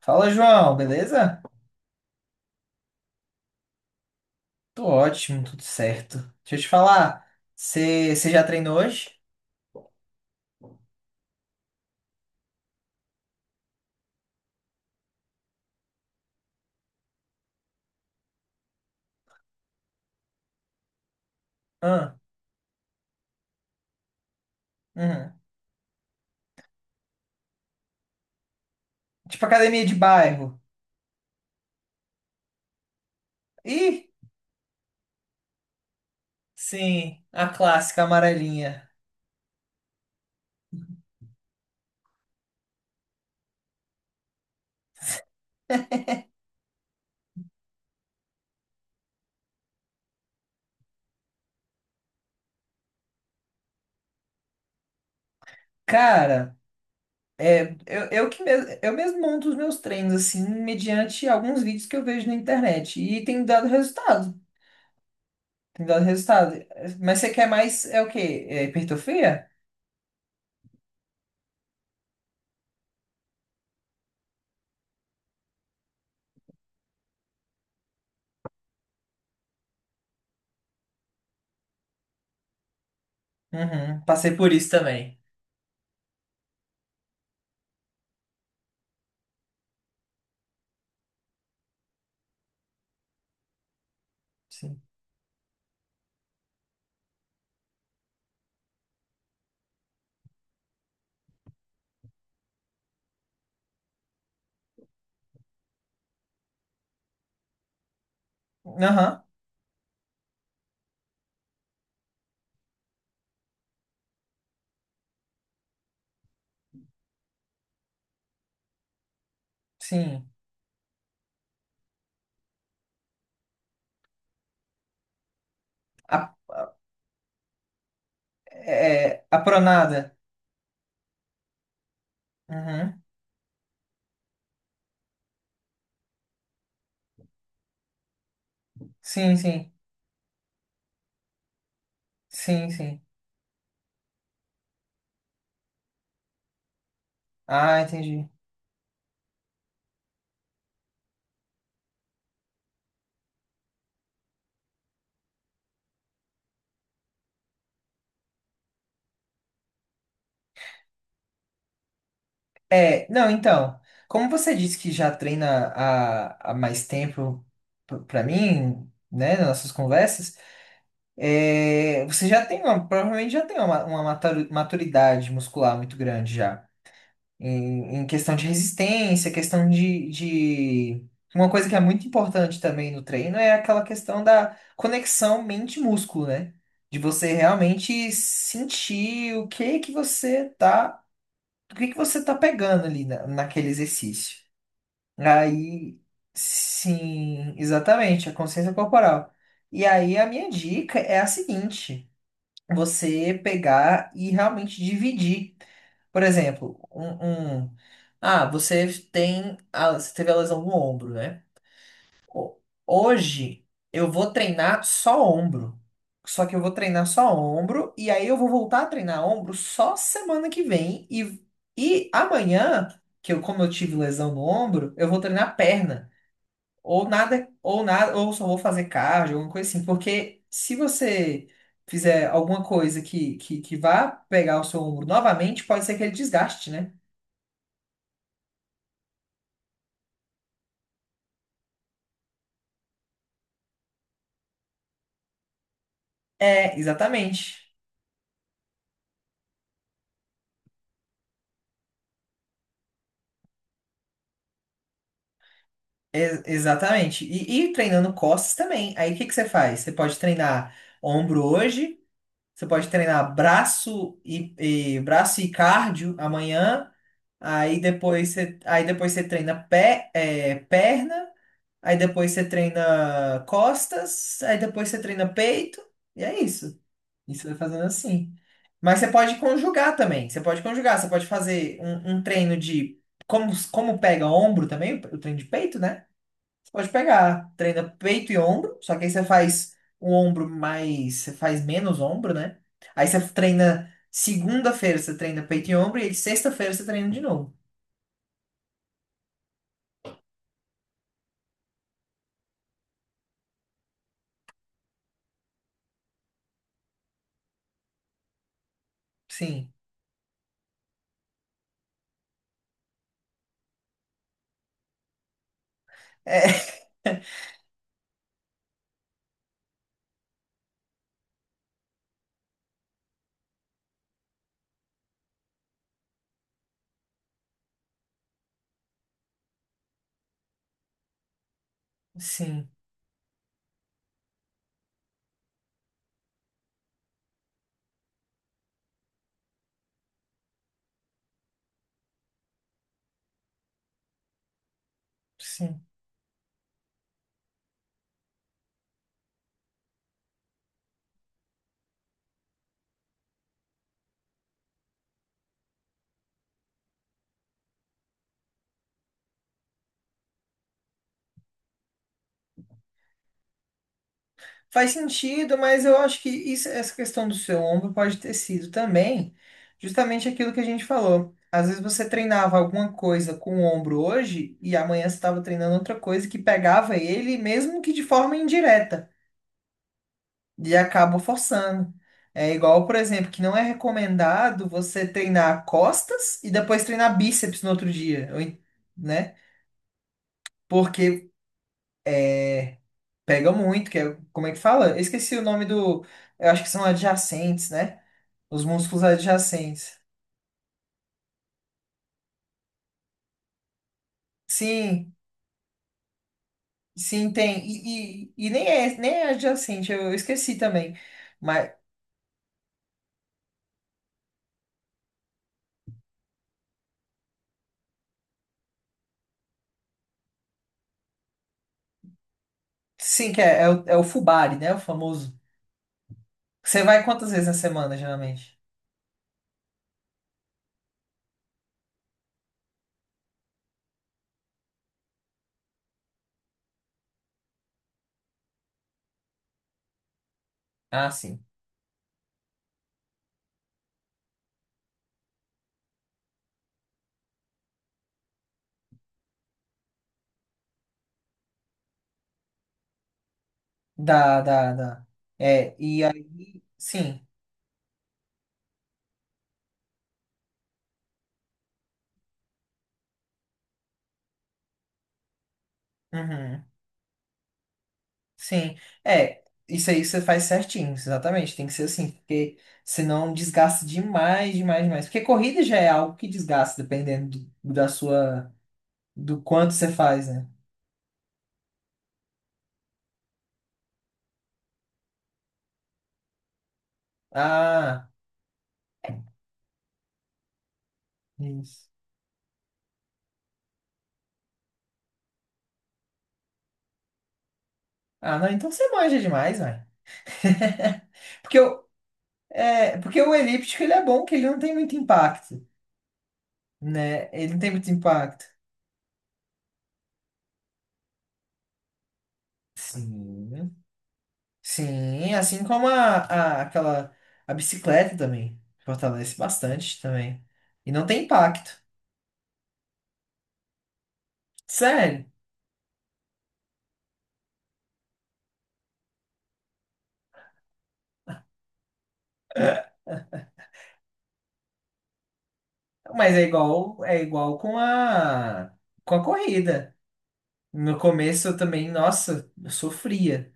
Fala, João, beleza? Tô ótimo, tudo certo. Deixa eu te falar, você já treinou hoje? Ah, uhum. Tipo academia de bairro. Ih, sim, a clássica amarelinha. Cara, eu mesmo monto os meus treinos, assim, mediante alguns vídeos que eu vejo na internet. E tem dado resultado. Tem dado resultado. Mas você quer mais, é o quê? É hipertrofia? Uhum, passei por isso também. Sim. Aham, sim. A, a pronada. Uhum. Sim, sim. Sim, sim. Ah, entendi. É, não, então, como você disse que já treina há mais tempo pra mim, né, nas nossas conversas, é, você já tem uma, provavelmente já tem uma maturidade muscular muito grande já. Em, em questão de resistência, questão de... Uma coisa que é muito importante também no treino é aquela questão da conexão mente-músculo, né? De você realmente sentir o que que você tá, o que que você tá pegando ali naquele exercício. Aí, sim, exatamente, a consciência corporal. E aí a minha dica é a seguinte: você pegar e realmente dividir. Por exemplo, você você teve a lesão no ombro, né? Ho- Hoje eu vou treinar só ombro. Só que eu vou treinar só ombro e aí eu vou voltar a treinar ombro só semana que vem e amanhã, que eu como eu tive lesão no ombro, eu vou treinar perna. Ou nada, ou nada, ou só vou fazer cardio, alguma coisa assim. Porque se você fizer alguma coisa que vá pegar o seu ombro novamente, pode ser que ele desgaste, né? É, exatamente. Exatamente. E treinando costas também. Aí o que que você faz? Você pode treinar ombro hoje, você pode treinar braço e cardio amanhã. Aí depois você treina pé, é, perna. Aí depois você treina costas, aí depois você treina peito, e é isso. E você vai fazendo assim. Mas você pode conjugar também. Você pode conjugar, você pode fazer um treino de. Como, como pega ombro também, o treino de peito, né? Você pode pegar, treina peito e ombro, só que aí você faz o ombro mais. Você faz menos ombro, né? Aí você treina. Segunda-feira você treina peito e ombro, e aí sexta-feira você treina de novo. Sim. É, sim, sim. Faz sentido, mas eu acho que essa questão do seu ombro pode ter sido também justamente aquilo que a gente falou. Às vezes você treinava alguma coisa com o ombro hoje e amanhã você estava treinando outra coisa que pegava ele, mesmo que de forma indireta, e acaba forçando. É igual, por exemplo, que não é recomendado você treinar costas e depois treinar bíceps no outro dia, né? Porque pega muito, que é, como é que fala? Eu esqueci o nome do, eu acho que são adjacentes, né? Os músculos adjacentes. Sim, sim, tem. Nem é, nem é adjacente, eu esqueci também. Mas sim, que é, é, o, é o Fubari, né? O famoso. Você vai quantas vezes na semana, geralmente? Ah, sim. Dá, dá, dá. É, e aí, sim. Uhum, sim. É, isso aí você faz certinho, exatamente. Tem que ser assim, porque senão desgasta demais, demais, demais. Porque corrida já é algo que desgasta, dependendo da sua, do quanto você faz, né? Ah. Isso. Ah, não, então você manja demais, velho. Porque, o- porque o elíptico ele é bom, que ele não tem muito impacto, né? Ele não tem muito impacto. Sim. Sim, assim como aquela a bicicleta também. Fortalece bastante também. E não tem impacto. Sério. Mas é igual com a corrida. No começo eu também, nossa, eu sofria.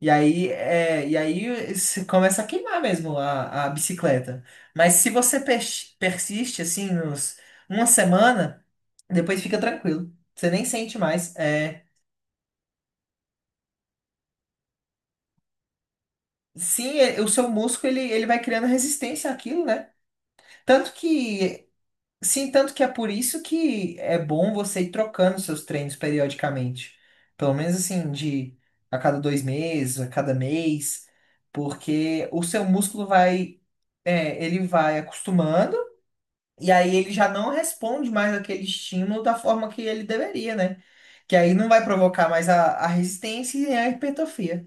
E aí, é, e aí se começa a queimar mesmo a bicicleta. Mas se você persiste assim nos uma semana, depois fica tranquilo. Você nem sente mais. É, sim, o seu músculo ele vai criando resistência àquilo, né? Tanto que sim, tanto que é por isso que é bom você ir trocando seus treinos periodicamente. Pelo menos assim, de a cada dois meses, a cada mês, porque o seu músculo vai... É, ele vai acostumando e aí ele já não responde mais aquele estímulo da forma que ele deveria, né? Que aí não vai provocar mais a resistência e nem a hipertrofia.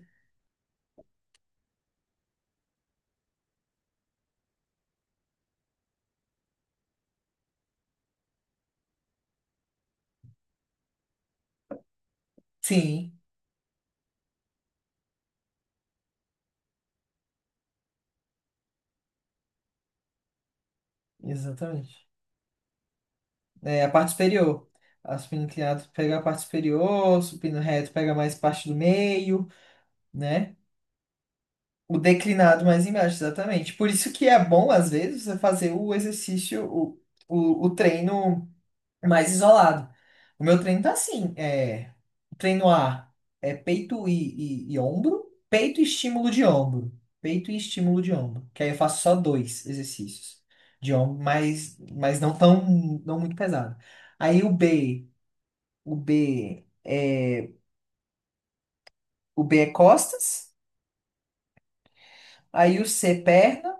Sim, exatamente. É, a parte superior. A supino inclinado pega a parte superior, o supino reto pega mais parte do meio, né? O declinado mais embaixo, exatamente. Por isso que é bom, às vezes, você fazer o treino mais isolado. O meu treino tá assim, é, treino A é e ombro, peito e estímulo de ombro, peito e estímulo de ombro, que aí eu faço só dois exercícios de ombro, mas não tão, não muito pesado. Aí o B é, o B é costas, aí o C é perna,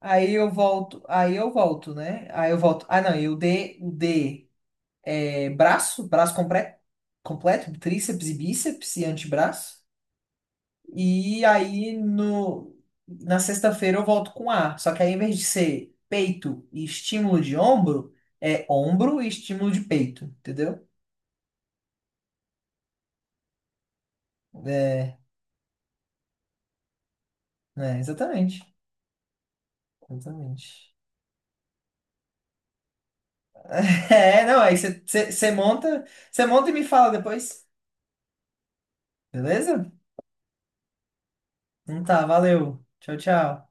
aí eu volto, né? Aí eu volto, ah não, o D é, braço, braço completo, completo, tríceps e bíceps e antebraço. E aí no, na sexta-feira eu volto com A. Só que aí, em vez de ser peito e estímulo de ombro, é ombro e estímulo de peito, entendeu? É, exatamente. Exatamente. É, não, aí você monta e me fala depois, beleza? Então tá, valeu. Tchau, tchau.